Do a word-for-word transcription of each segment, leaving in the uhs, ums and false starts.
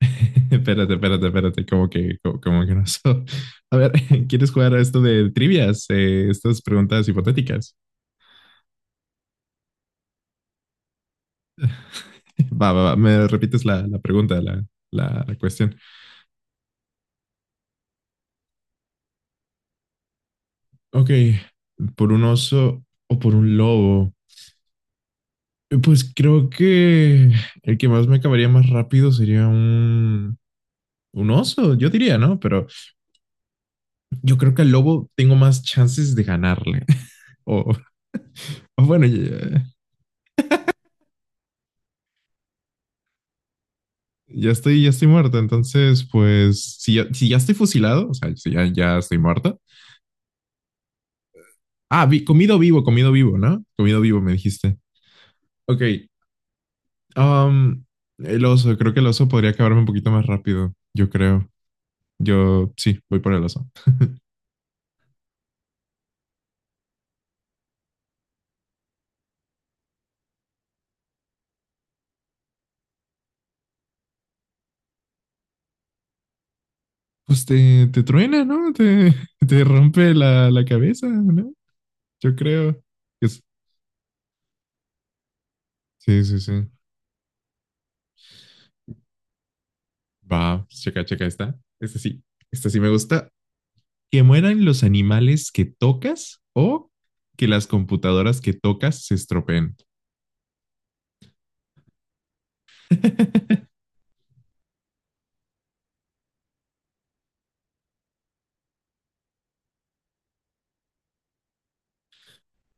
Espérate, espérate, espérate, como que, como, como que no. so- A ver, ¿quieres jugar a esto de trivias? Eh, estas preguntas hipotéticas. Va, va, va, me repites la, la pregunta, la, la, la cuestión. Ok, ¿por un oso o por un lobo? Eh, Pues creo que el que más me acabaría más rápido sería un, un oso, yo diría, ¿no? Pero yo creo que al lobo tengo más chances de ganarle. O, o bueno, Ya estoy, ya estoy muerta, entonces, pues, si ya, si ya estoy fusilado, o sea, si ya, ya estoy muerta. Ah, vi- comido vivo, comido vivo, ¿no? Comido vivo, me dijiste. Ok. am, el oso, creo que el oso podría acabarme un poquito más rápido, yo creo. Yo, sí, voy por el oso. Pues te, te truena, ¿no? Te, te rompe la, la cabeza, ¿no? Yo creo que es- Sí, sí, sí. Va, checa, checa esta. Esta sí, esta sí me gusta. Que mueran los animales que tocas o que las computadoras que tocas se estropeen.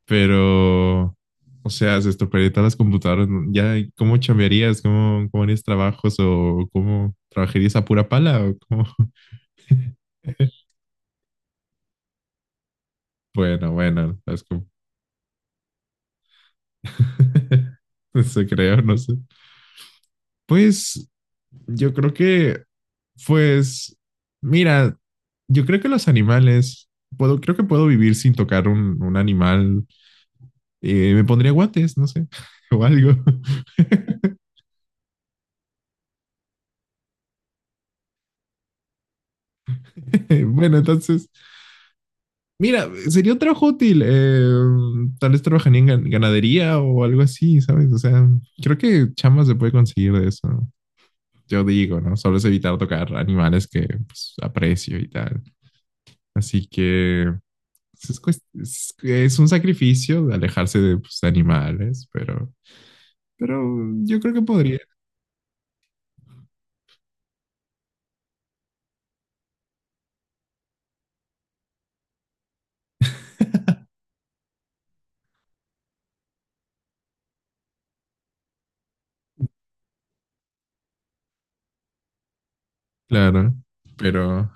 Pero, o sea, se estropearían todas las computadoras, ¿no? Ya, ¿cómo chambearías? ¿Cómo, cómo harías trabajos? ¿O cómo trabajarías a pura pala? ¿O cómo? Bueno, bueno, las com- Eso creo, no sé. Pues yo creo que Pues, mira, yo creo que los animales, puedo, creo que puedo vivir sin tocar un, un animal. Eh, me pondría guantes, no sé, o algo. Bueno, entonces, mira, sería un trabajo útil. Eh, tal vez trabajaría en gan- ganadería o algo así, ¿sabes? O sea, creo que chamas se puede conseguir de eso. Yo digo, ¿no? Solo es evitar tocar animales que pues, aprecio y tal. Así que pues, es, cuest- es, es un sacrificio de alejarse de pues, de animales, pero, pero yo creo que podría, claro, pero...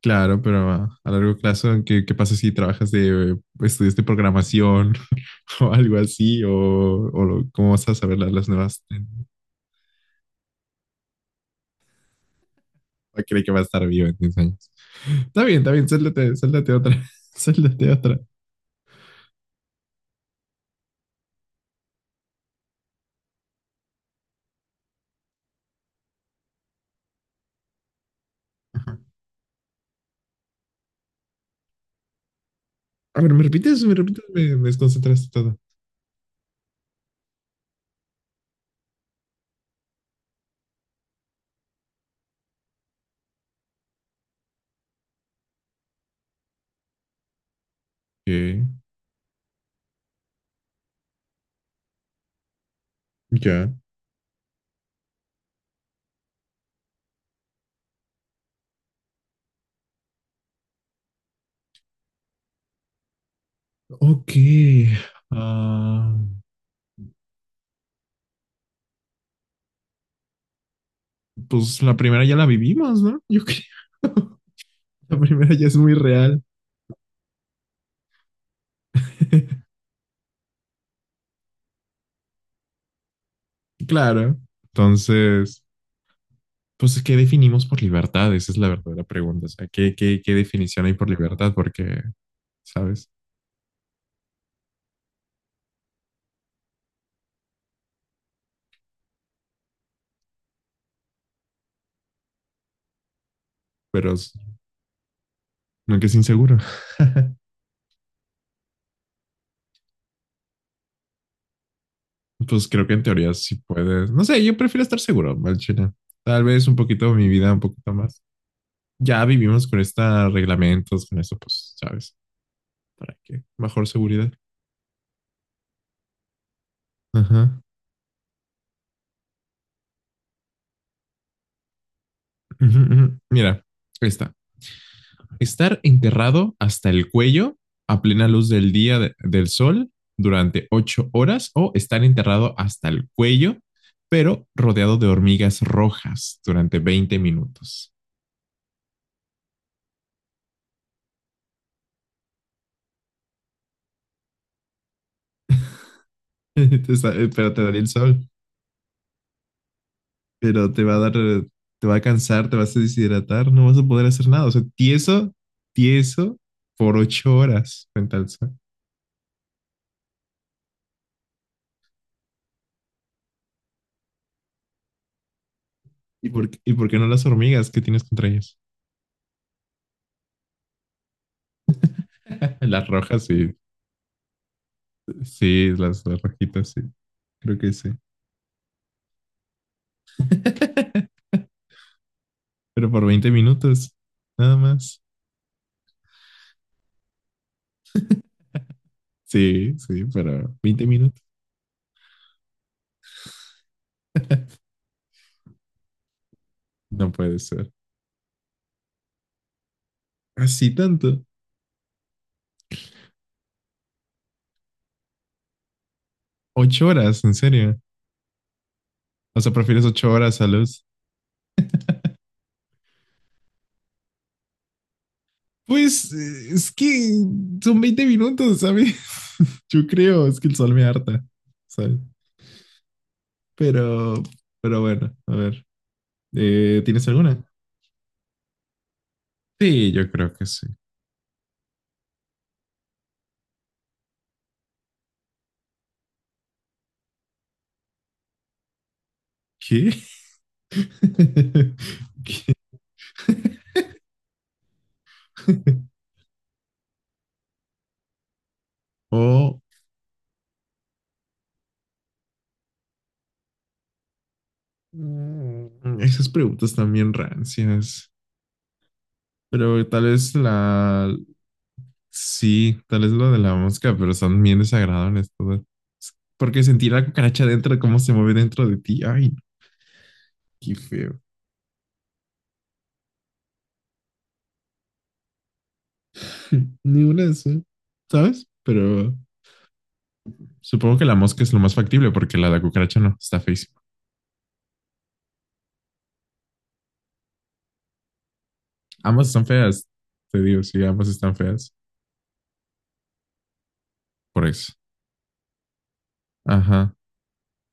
Claro, pero a, a largo plazo, ¿qué, ¿qué pasa si trabajas de, estudias de programación o algo así? ¿O, o lo- cómo vas a saber las, las nuevas? ¿O ¿cree que va a estar vivo en diez años? Está bien, está bien, sáltate, sáltate otra, sáltate otra. Ajá. A ver, ¿me repites? ¿Me repites? Me, me desconcentraste todo. Ok, ya. Ok. Ah... Pues la primera ya la vivimos, ¿no? Yo creo. La primera ya es muy real. Claro. Entonces, pues, ¿qué definimos por libertad? Esa es la verdadera pregunta. O sea, ¿qué, qué, ¿qué definición hay por libertad? Porque, ¿sabes? Pero nunca es inseguro. Pues creo que en teoría sí puedes. No sé, yo prefiero estar seguro, mal chino. Tal vez un poquito mi vida, un poquito más. Ya vivimos con estos reglamentos, con esto, pues, ¿sabes? Para que mejor seguridad. Ajá. Uh-huh, uh-huh. Mira, esta. Estar enterrado hasta el cuello a plena luz del día de- del sol durante ocho horas o estar enterrado hasta el cuello, pero rodeado de hormigas rojas durante veinte minutos. Pero te daría el sol, pero te va a dar, eh, te va a cansar, te vas a deshidratar, no vas a poder hacer nada. O sea, tieso, tieso por ocho horas frente al sol. ¿Y por, y por qué no las hormigas? ¿Qué tienes contra ellas? Las rojas, sí, sí, las, las rojitas, sí, creo que sí. Pero por veinte minutos, nada más. Sí, sí, pero veinte minutos. No puede ser. Así tanto. Ocho horas, en serio. O sea, prefieres ocho horas a luz. Pues eh, es que son veinte minutos, ¿sabes? Yo creo, es que el sol me harta, ¿sabes? Pero, pero bueno, a ver. Eh, ¿tienes alguna? Sí, yo creo que sí. ¿Qué? ¿Qué? Oh, mm, esas preguntas también rancias. Pero tal vez la... Sí, tal vez lo de la mosca, pero son bien desagradables todas. Porque sentir la cucaracha dentro, cómo se mueve dentro de ti. Ay, no, qué feo. Ni una de esas, ¿sabes? Pero supongo que la mosca es lo más factible porque la de la cucaracha no, está feísima. Ambas están feas, te digo, sí, ambas están feas. Por eso. Ajá.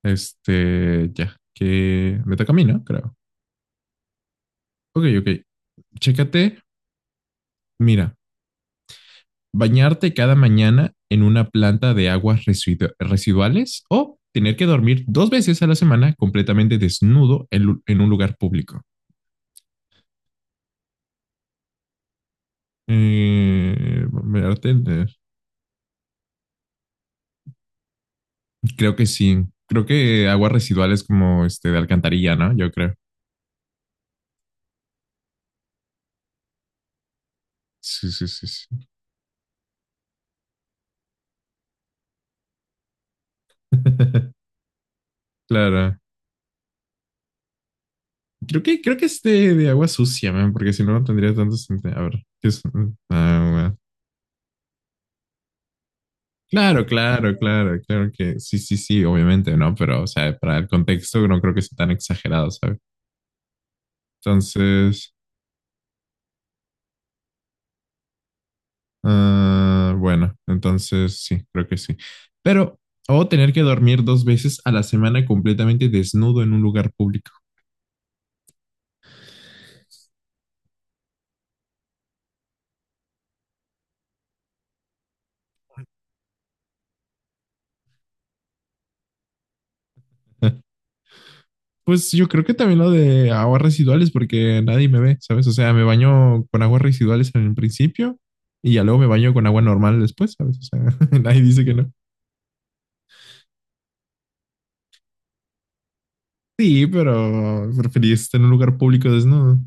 Este, ya, que me toca a mí, ¿no? Creo. Ok, ok. Chécate, mira, bañarte cada mañana en una planta de aguas residu- residuales o tener que dormir dos veces a la semana completamente desnudo en, lu- en un lugar público. Eh, bañarte en- eh, Creo que sí. Creo que aguas residuales como este de alcantarilla, ¿no? Yo creo. Sí, sí, sí, sí. Claro. Creo que, creo que es de, de agua sucia, man, porque si no, no tendría tanto sentido. A ver, ¿qué es? Agua, claro, claro, claro, claro que sí, sí, sí, obviamente, ¿no? Pero, o sea, para el contexto no creo que sea tan exagerado, ¿sabes? Entonces, ah, bueno, entonces sí, creo que sí. Pero, o tener que dormir dos veces a la semana completamente desnudo en un lugar público. Pues yo creo que también lo de aguas residuales, porque nadie me ve, ¿sabes? O sea, me baño con aguas residuales en el principio y ya luego me baño con agua normal después, ¿sabes? O sea, nadie dice que no. Sí, pero preferís estar en un lugar público desnudo.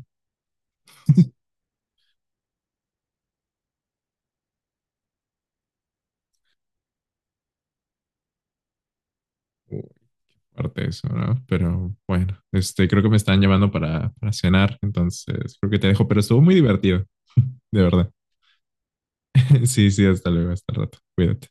O parte de eso, ¿no? Pero bueno, este, creo que me están llamando para, para cenar, entonces creo que te dejo, pero estuvo muy divertido, de verdad. Sí, sí, hasta luego, hasta el rato. Cuídate.